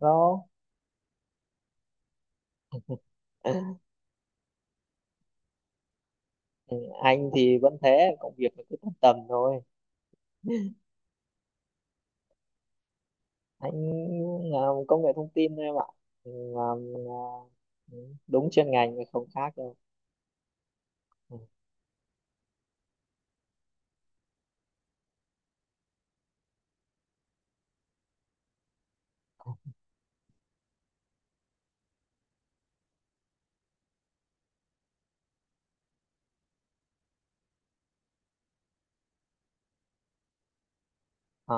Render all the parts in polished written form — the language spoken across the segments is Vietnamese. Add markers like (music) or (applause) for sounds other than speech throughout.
Đó. Ừ, anh thì vẫn thế, công việc nó cứ tầm tầm thôi. Anh làm công nghệ thông tin thôi em ạ. Ừ, làm, à, ừ, đúng chuyên ngành nhưng không khác đâu. Ừ. Ờ.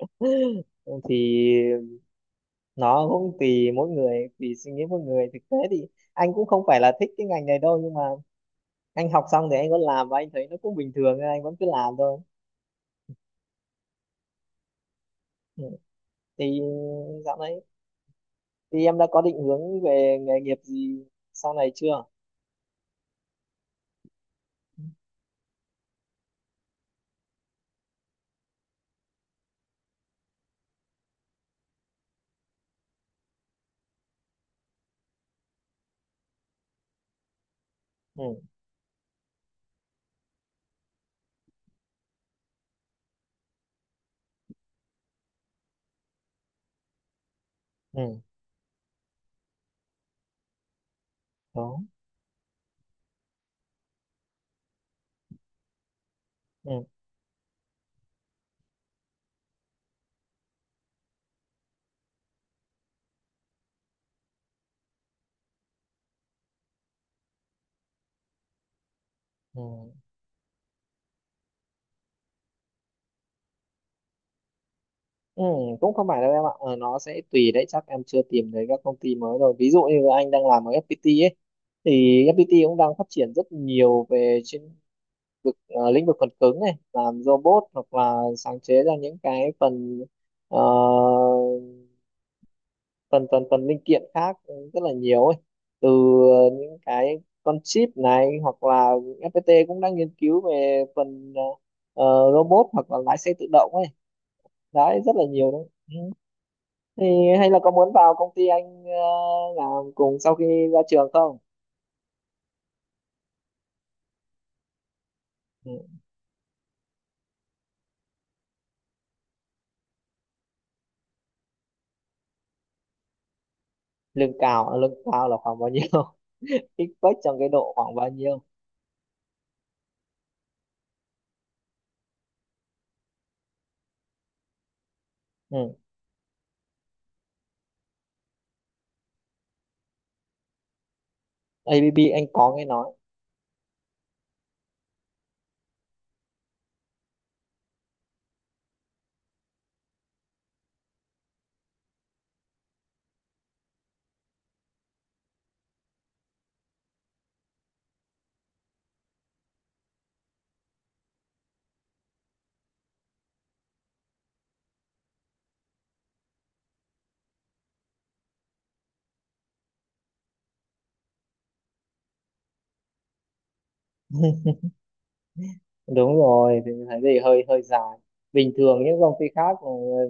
(laughs) Thì nó cũng tùy mỗi người, tùy suy nghĩ mỗi người, thực tế thì anh cũng không phải là thích cái ngành này đâu, nhưng mà anh học xong thì anh vẫn làm và anh thấy nó cũng bình thường nên anh vẫn cứ làm thôi. Ừ. Thì dạo này thì em đã có định hướng về nghề nghiệp gì sau này chưa? Ừ. Ừ. Đó. Ừ, ừ. Ừ, cũng không phải đâu em ạ, nó sẽ tùy đấy, chắc em chưa tìm thấy các công ty mới rồi. Ví dụ như anh đang làm ở FPT ấy thì FPT cũng đang phát triển rất nhiều về trên vực, lĩnh vực phần cứng này, làm robot hoặc là sáng chế ra những cái phần, ờ, phần linh kiện khác rất là nhiều ấy, từ những cái con chip này, hoặc là FPT cũng đang nghiên cứu về phần, robot hoặc là lái xe tự động ấy, đấy rất là nhiều đấy. Ừ. Thì hay là có muốn vào công ty anh, làm cùng sau khi ra trường không? Ừ. Lương cao à? Lương cao là khoảng bao nhiêu? (laughs) Expect trong cái độ khoảng bao nhiêu? Ừ. ABB anh có nghe nói. Đúng rồi, thì thấy gì hơi hơi dài. Bình thường những công ty khác mà,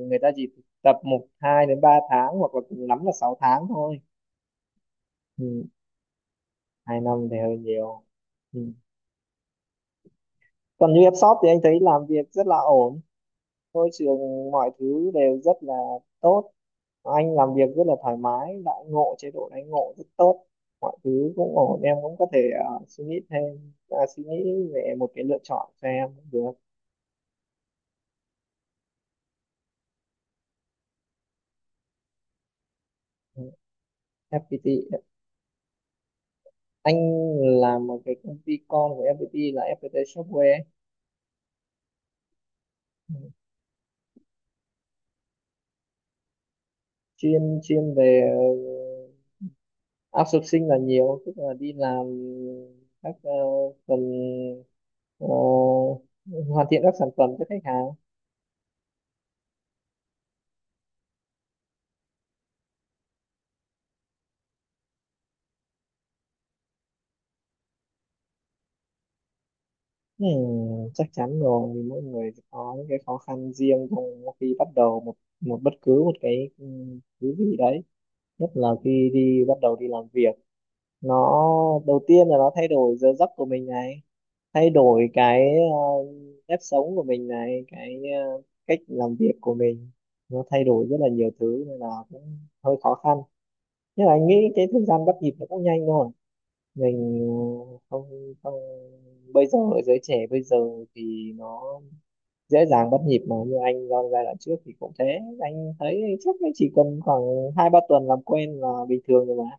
người ta chỉ thực tập một hai đến 3 tháng hoặc là cùng lắm là 6 tháng thôi. Ừ. 2 năm thì hơi nhiều. Ừ. Còn như em shop thì anh thấy làm việc rất là ổn, môi trường mọi thứ đều rất là tốt, anh làm việc rất là thoải mái, đãi ngộ chế độ đãi ngộ rất tốt, mọi thứ cũng ổn. Em cũng có thể, suy nghĩ thêm, à, suy nghĩ về một cái lựa chọn cho em cũng được. Ừ, FPT. Anh làm một cái công ty con của FPT là FPT Software ấy. Ừ, chuyên chuyên về, ờ, outsourcing là nhiều, tức là đi làm các, phần, ờ, hoàn thiện các sản phẩm cho khách hàng. Ừ, chắc chắn rồi, vì mỗi người có những cái khó khăn riêng trong khi bắt đầu một một bất cứ một cái, ừ, thứ gì đấy, nhất là khi bắt đầu đi làm việc. Nó đầu tiên là nó thay đổi giờ giấc của mình này, thay đổi cái, ờ, nếp sống của mình này, cái, cách làm việc của mình, nó thay đổi rất là nhiều thứ nên là cũng hơi khó khăn, nhưng mà anh nghĩ cái thời gian bắt nhịp nó cũng nhanh thôi. Mình, không không bây giờ giới trẻ bây giờ thì nó dễ dàng bắt nhịp, mà như anh trong giai đoạn trước thì cũng thế. Anh thấy chắc là chỉ cần khoảng 2 3 tuần làm quen là bình thường rồi mà.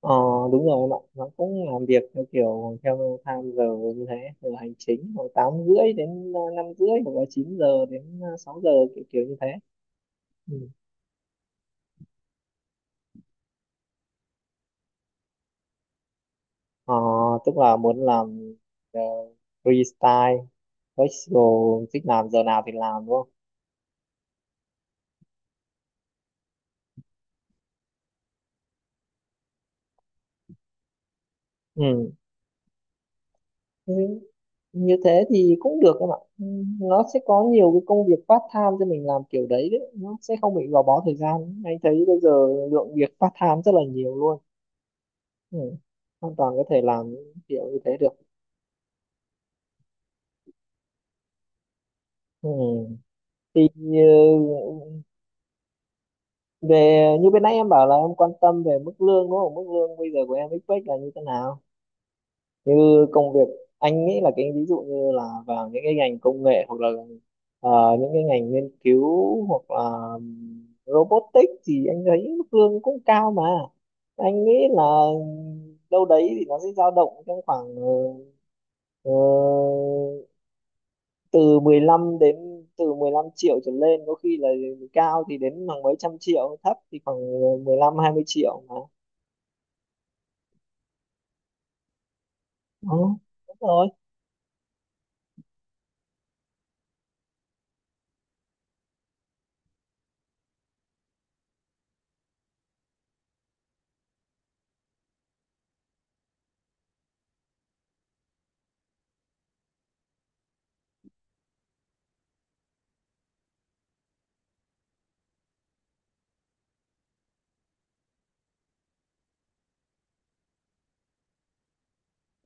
ờ Đúng rồi em ạ, nó cũng làm việc theo kiểu theo time giờ như thế, từ hành chính khoảng 8:30 đến, 5:30, hoặc là 9 giờ đến, 6 giờ, kiểu kiểu như thế. Ừ. ờ, Tức là muốn làm, ờ, freestyle, flexible, thích làm giờ nào thì làm đúng không? Ừ. Ừ, như thế thì cũng được em ạ. Ừ, nó sẽ có nhiều cái công việc part time cho mình làm kiểu đấy, đấy. Nó sẽ không bị gò bó thời gian. Anh thấy bây giờ lượng việc part time rất là nhiều luôn. Ừ. Hoàn toàn có thể làm kiểu như thế được. Ừ. Thì ừ, về như bên nãy em bảo là em quan tâm về mức lương đúng không? Mức lương bây giờ của em expect là như thế nào, như công việc? Anh nghĩ là cái ví dụ như là vào những cái ngành công nghệ hoặc là, những cái ngành nghiên cứu hoặc là, robotics thì anh thấy mức lương cũng cao mà. Anh nghĩ là đâu đấy thì nó sẽ dao động trong khoảng, ờ, từ 15 đến từ 15 triệu trở lên, có khi là cao thì đến khoảng mấy trăm triệu, thấp thì khoảng 15 20 triệu mà. Đó, đúng rồi.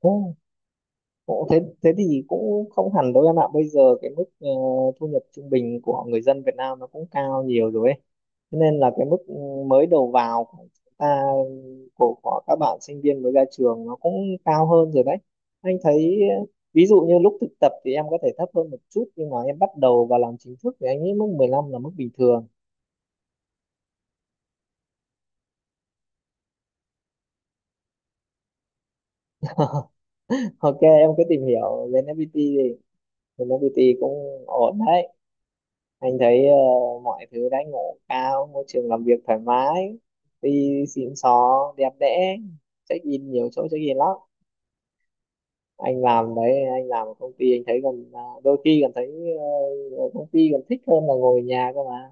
Ừ, cũng thế. Thế thì cũng không hẳn đâu em ạ. Bây giờ cái mức, thu nhập trung bình của người dân Việt Nam nó cũng cao nhiều rồi ấy. Thế nên là cái mức mới đầu vào của chúng ta, của các bạn sinh viên mới ra trường nó cũng cao hơn rồi đấy. Anh thấy, ví dụ như lúc thực tập thì em có thể thấp hơn một chút, nhưng mà em bắt đầu vào làm chính thức thì anh nghĩ mức 15 là mức bình thường. (laughs) Ok, em cứ tìm hiểu lên FPT đi. Lên FPT cũng ổn đấy. Anh thấy, mọi thứ đãi ngộ cao, môi trường làm việc thoải mái, đi xịn xò, đẹp đẽ, check in nhiều chỗ, check in lắm. Anh làm ở công ty, anh thấy còn, à, đôi khi còn thấy, ờ, ở công ty còn thích hơn là ngồi ở nhà cơ mà.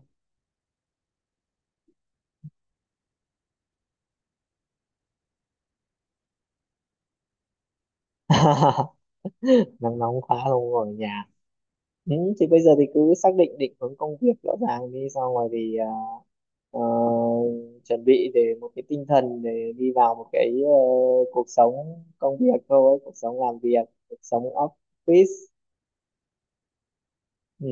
(laughs) Nắng nóng quá không ngồi ở nhà. Ừ, thì bây giờ thì cứ xác định định hướng công việc rõ ràng đi, xong rồi thì, à, ờ, chuẩn bị để một cái tinh thần để đi vào một cái, cuộc sống công việc thôi, cuộc sống làm việc, cuộc sống office. Ừ.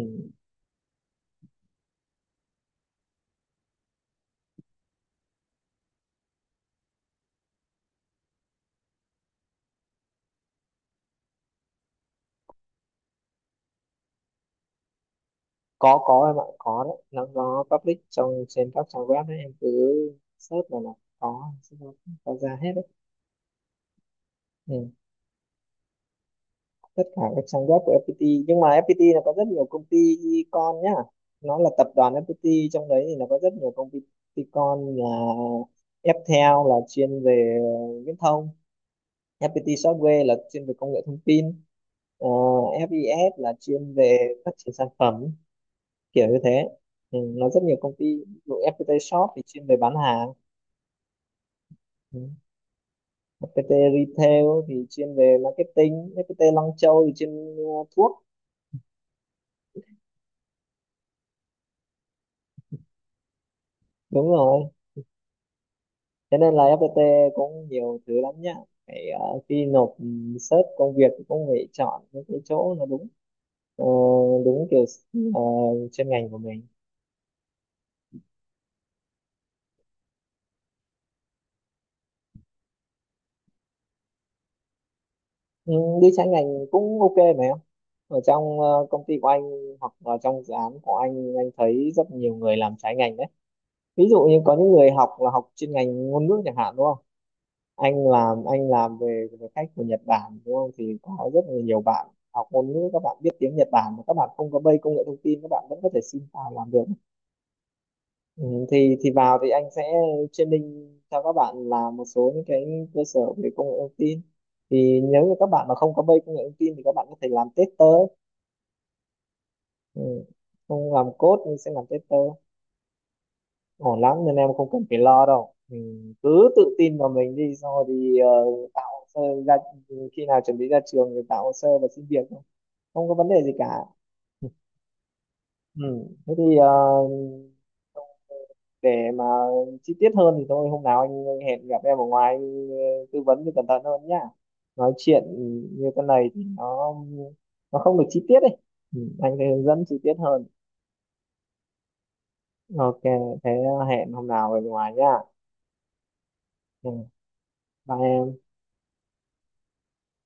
có em ạ, có đấy, nó public trên các trang web đấy, em cứ search là nó có ra hết đấy. Ừ. Tất cả các trang web của FPT, nhưng mà FPT nó có rất nhiều công ty con nhá. Nó là tập đoàn FPT, trong đấy thì nó có rất nhiều công ty con, là Ftel là chuyên về viễn thông, FPT Software là chuyên về công nghệ thông tin, ờ, FES là chuyên về phát triển sản phẩm kiểu như thế. Ừ, nó rất nhiều công ty, ví dụ FPT Shop thì chuyên về bán hàng. Ừ. FPT Retail thì chuyên về marketing, FPT Long Châu thì chuyên, ờ, thuốc, đúng rồi. Cho nên là FPT cũng nhiều thứ lắm nhá, phải, khi nộp, search công việc thì cũng phải chọn những cái chỗ nó đúng, ờ, đúng kiểu, ờ, chuyên ngành của mình. Ừ, đi trái ngành cũng ok mà em, ở trong, công ty của anh hoặc là trong dự án của anh thấy rất nhiều người làm trái ngành đấy. Ví dụ như có những người học là học chuyên ngành ngôn ngữ chẳng hạn đúng không, anh làm về về khách của Nhật Bản đúng không, thì có rất là nhiều bạn học ngôn ngữ, các bạn biết tiếng Nhật Bản mà các bạn không có bay công nghệ thông tin, các bạn vẫn có thể xin vào làm được. Ừ, thì vào thì anh sẽ training cho các bạn làm một số những cái cơ sở về công nghệ thông tin, thì nếu như các bạn mà không có bay công nghệ thông tin thì các bạn có thể làm tester. Ừ. Không làm code nhưng sẽ làm tester, ổn lắm, nên em không cần phải lo đâu, mình cứ tự tin vào mình đi, xong rồi thì, tạo hồ sơ ra. Khi nào chuẩn bị ra trường thì tạo hồ sơ và xin việc thôi, không có vấn đề gì cả. (laughs) Ừ. Thế thì, để mà chi tiết hơn thì thôi, hôm nào anh hẹn gặp em ở ngoài, anh, tư vấn thì cẩn thận hơn nhá. Nói chuyện như thế này thì nó không được chi tiết đấy. Ừ. Anh sẽ hướng dẫn chi tiết hơn. Ok, thế hẹn hôm nào ở ngoài nhá. Ừ. Bye em.